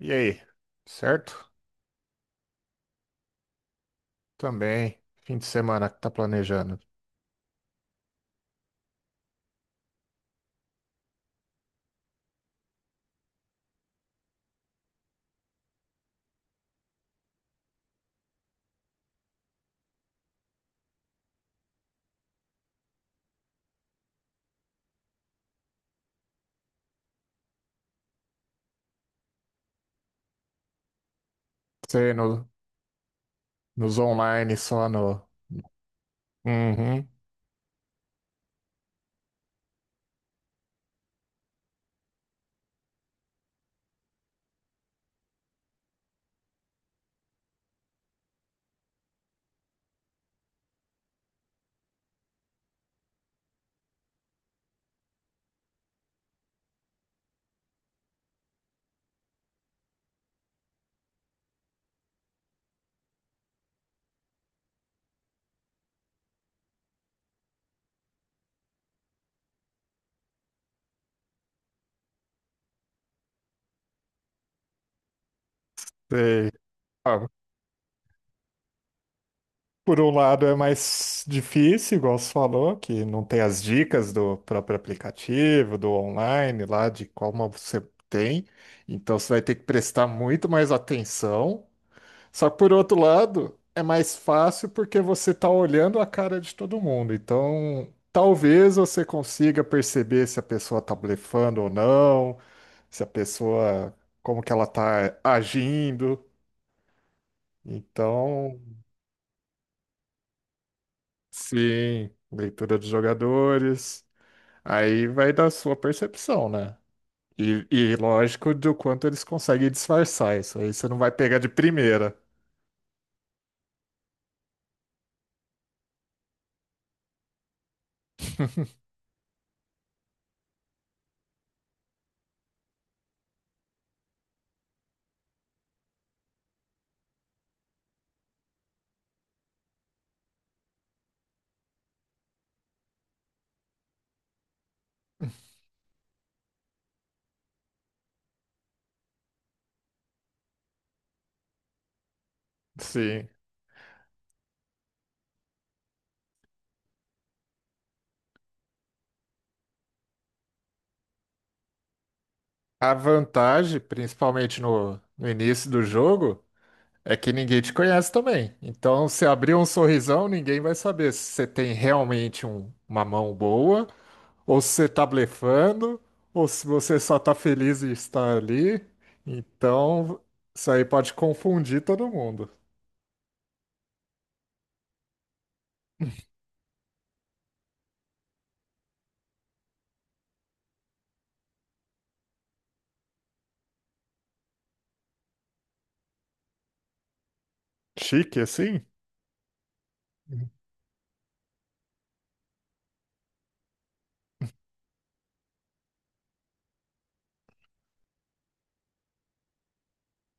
E aí, certo? Também, fim de semana que tá planejando. Você no, nos online, só no. Uhum. Sei. Ah, por um lado é mais difícil, igual você falou, que não tem as dicas do próprio aplicativo, do online lá, de como você tem. Então você vai ter que prestar muito mais atenção. Só que por outro lado, é mais fácil porque você está olhando a cara de todo mundo. Então, talvez você consiga perceber se a pessoa está blefando ou não, se a pessoa, como que ela está agindo. Então, sim, leitura dos jogadores. Aí vai da sua percepção, né? E lógico do quanto eles conseguem disfarçar isso. Aí você não vai pegar de primeira. Sim. A vantagem, principalmente no início do jogo, é que ninguém te conhece também. Então, se abrir um sorrisão, ninguém vai saber se você tem realmente um- uma mão boa, ou se você tá blefando, ou se você só tá feliz em estar ali. Então, isso aí pode confundir todo mundo. Chique, assim?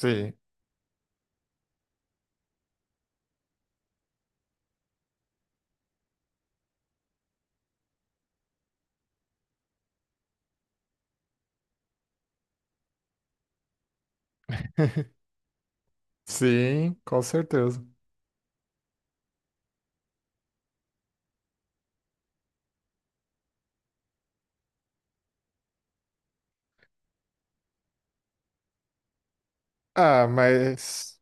Sim. Sim, com certeza. Ah, mas.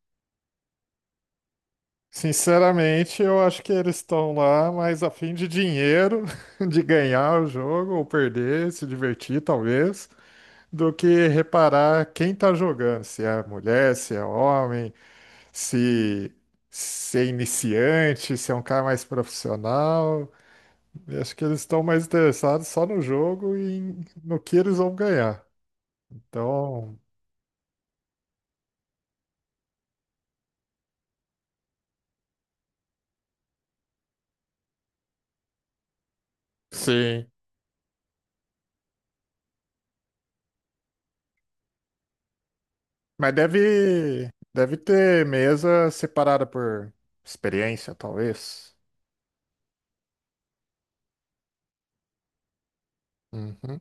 Sinceramente, eu acho que eles estão lá mais a fim de dinheiro, de ganhar o jogo ou perder, se divertir talvez, do que reparar quem tá jogando, se é mulher, se é homem, se, se é iniciante, se é um cara mais profissional. Eu acho que eles estão mais interessados só no jogo e em- no que eles vão ganhar. Então, sim. Mas deve ter mesa separada por experiência, talvez. Uhum,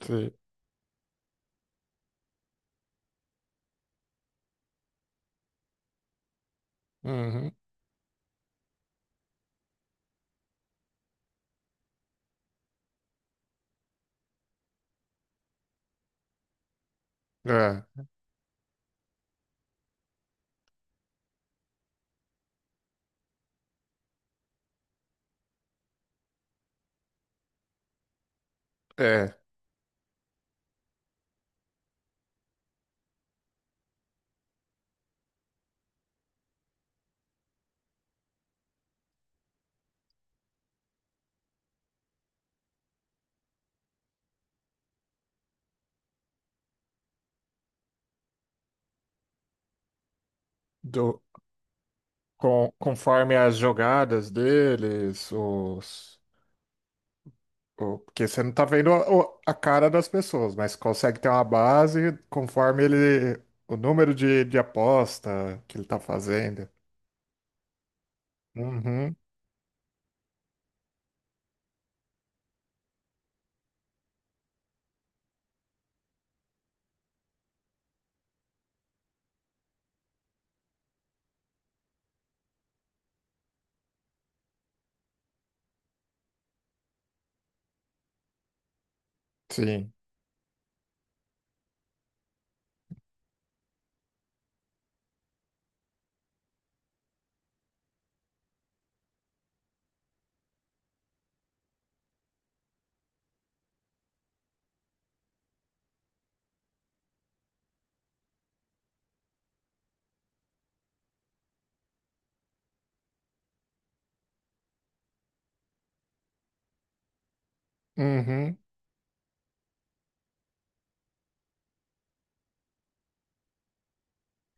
sim. Uhum. É, é. Do, com, conforme as jogadas deles, os, o, porque você não tá vendo a, o- a cara das pessoas, mas consegue ter uma base conforme ele, o número de aposta que ele tá fazendo. Uhum, sim. Uhum.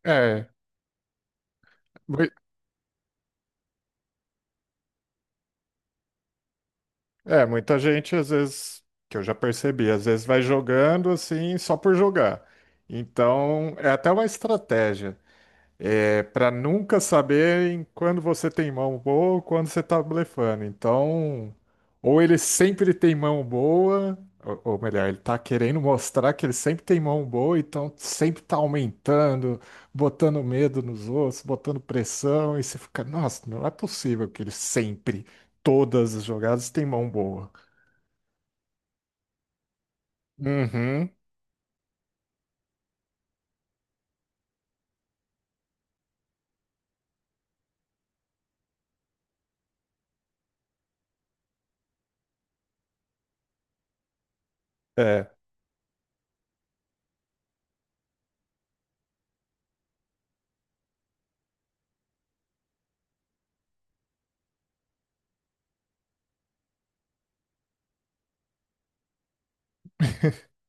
É, mui- muita gente às vezes, que eu já percebi, às vezes vai jogando assim só por jogar. Então, é até uma estratégia. É para nunca saber em quando você tem mão boa ou quando você tá blefando. Então, ou ele sempre tem mão boa, ou melhor, ele tá querendo mostrar que ele sempre tem mão boa, então sempre tá aumentando, botando medo nos outros, botando pressão, e você fica, nossa, não é possível que ele sempre, todas as jogadas, tem mão boa. Uhum, é,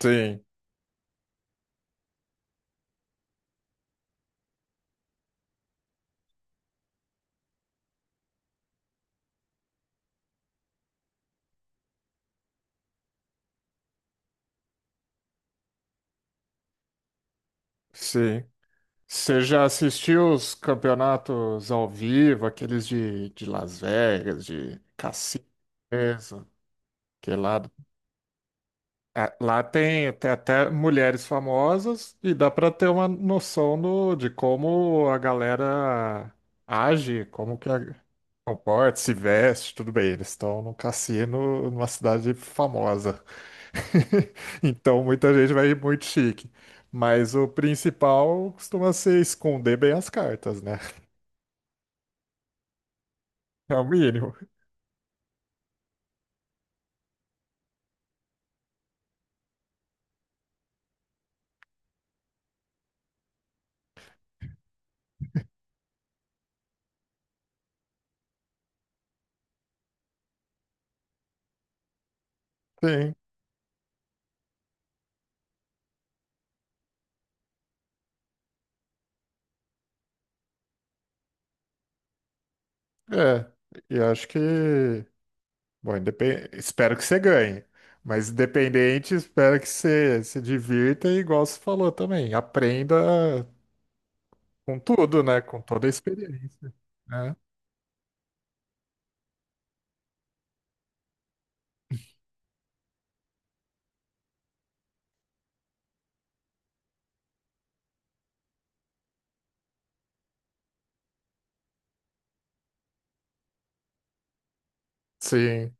sim, sim. Você já assistiu os campeonatos ao vivo, aqueles de Las Vegas, de cassino, mesmo, que lá, é, lá tem, tem até mulheres famosas e dá para ter uma noção do, de como a galera age, como que a, comporta, se veste, tudo bem. Eles estão num cassino numa cidade famosa, então muita gente vai ir muito chique. Mas o principal costuma ser esconder bem as cartas, né? É o mínimo. Sim, é. E acho que. Bom, independ... espero que você ganhe. Mas independente, espero que você se divirta e, igual você falou também, aprenda com tudo, né? Com toda a experiência. Né? Sim.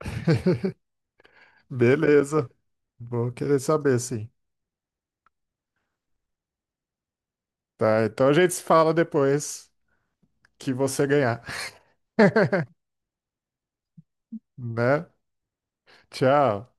Beleza. Vou querer saber, sim. Tá, então a gente se fala depois que você ganhar, né? Tchau.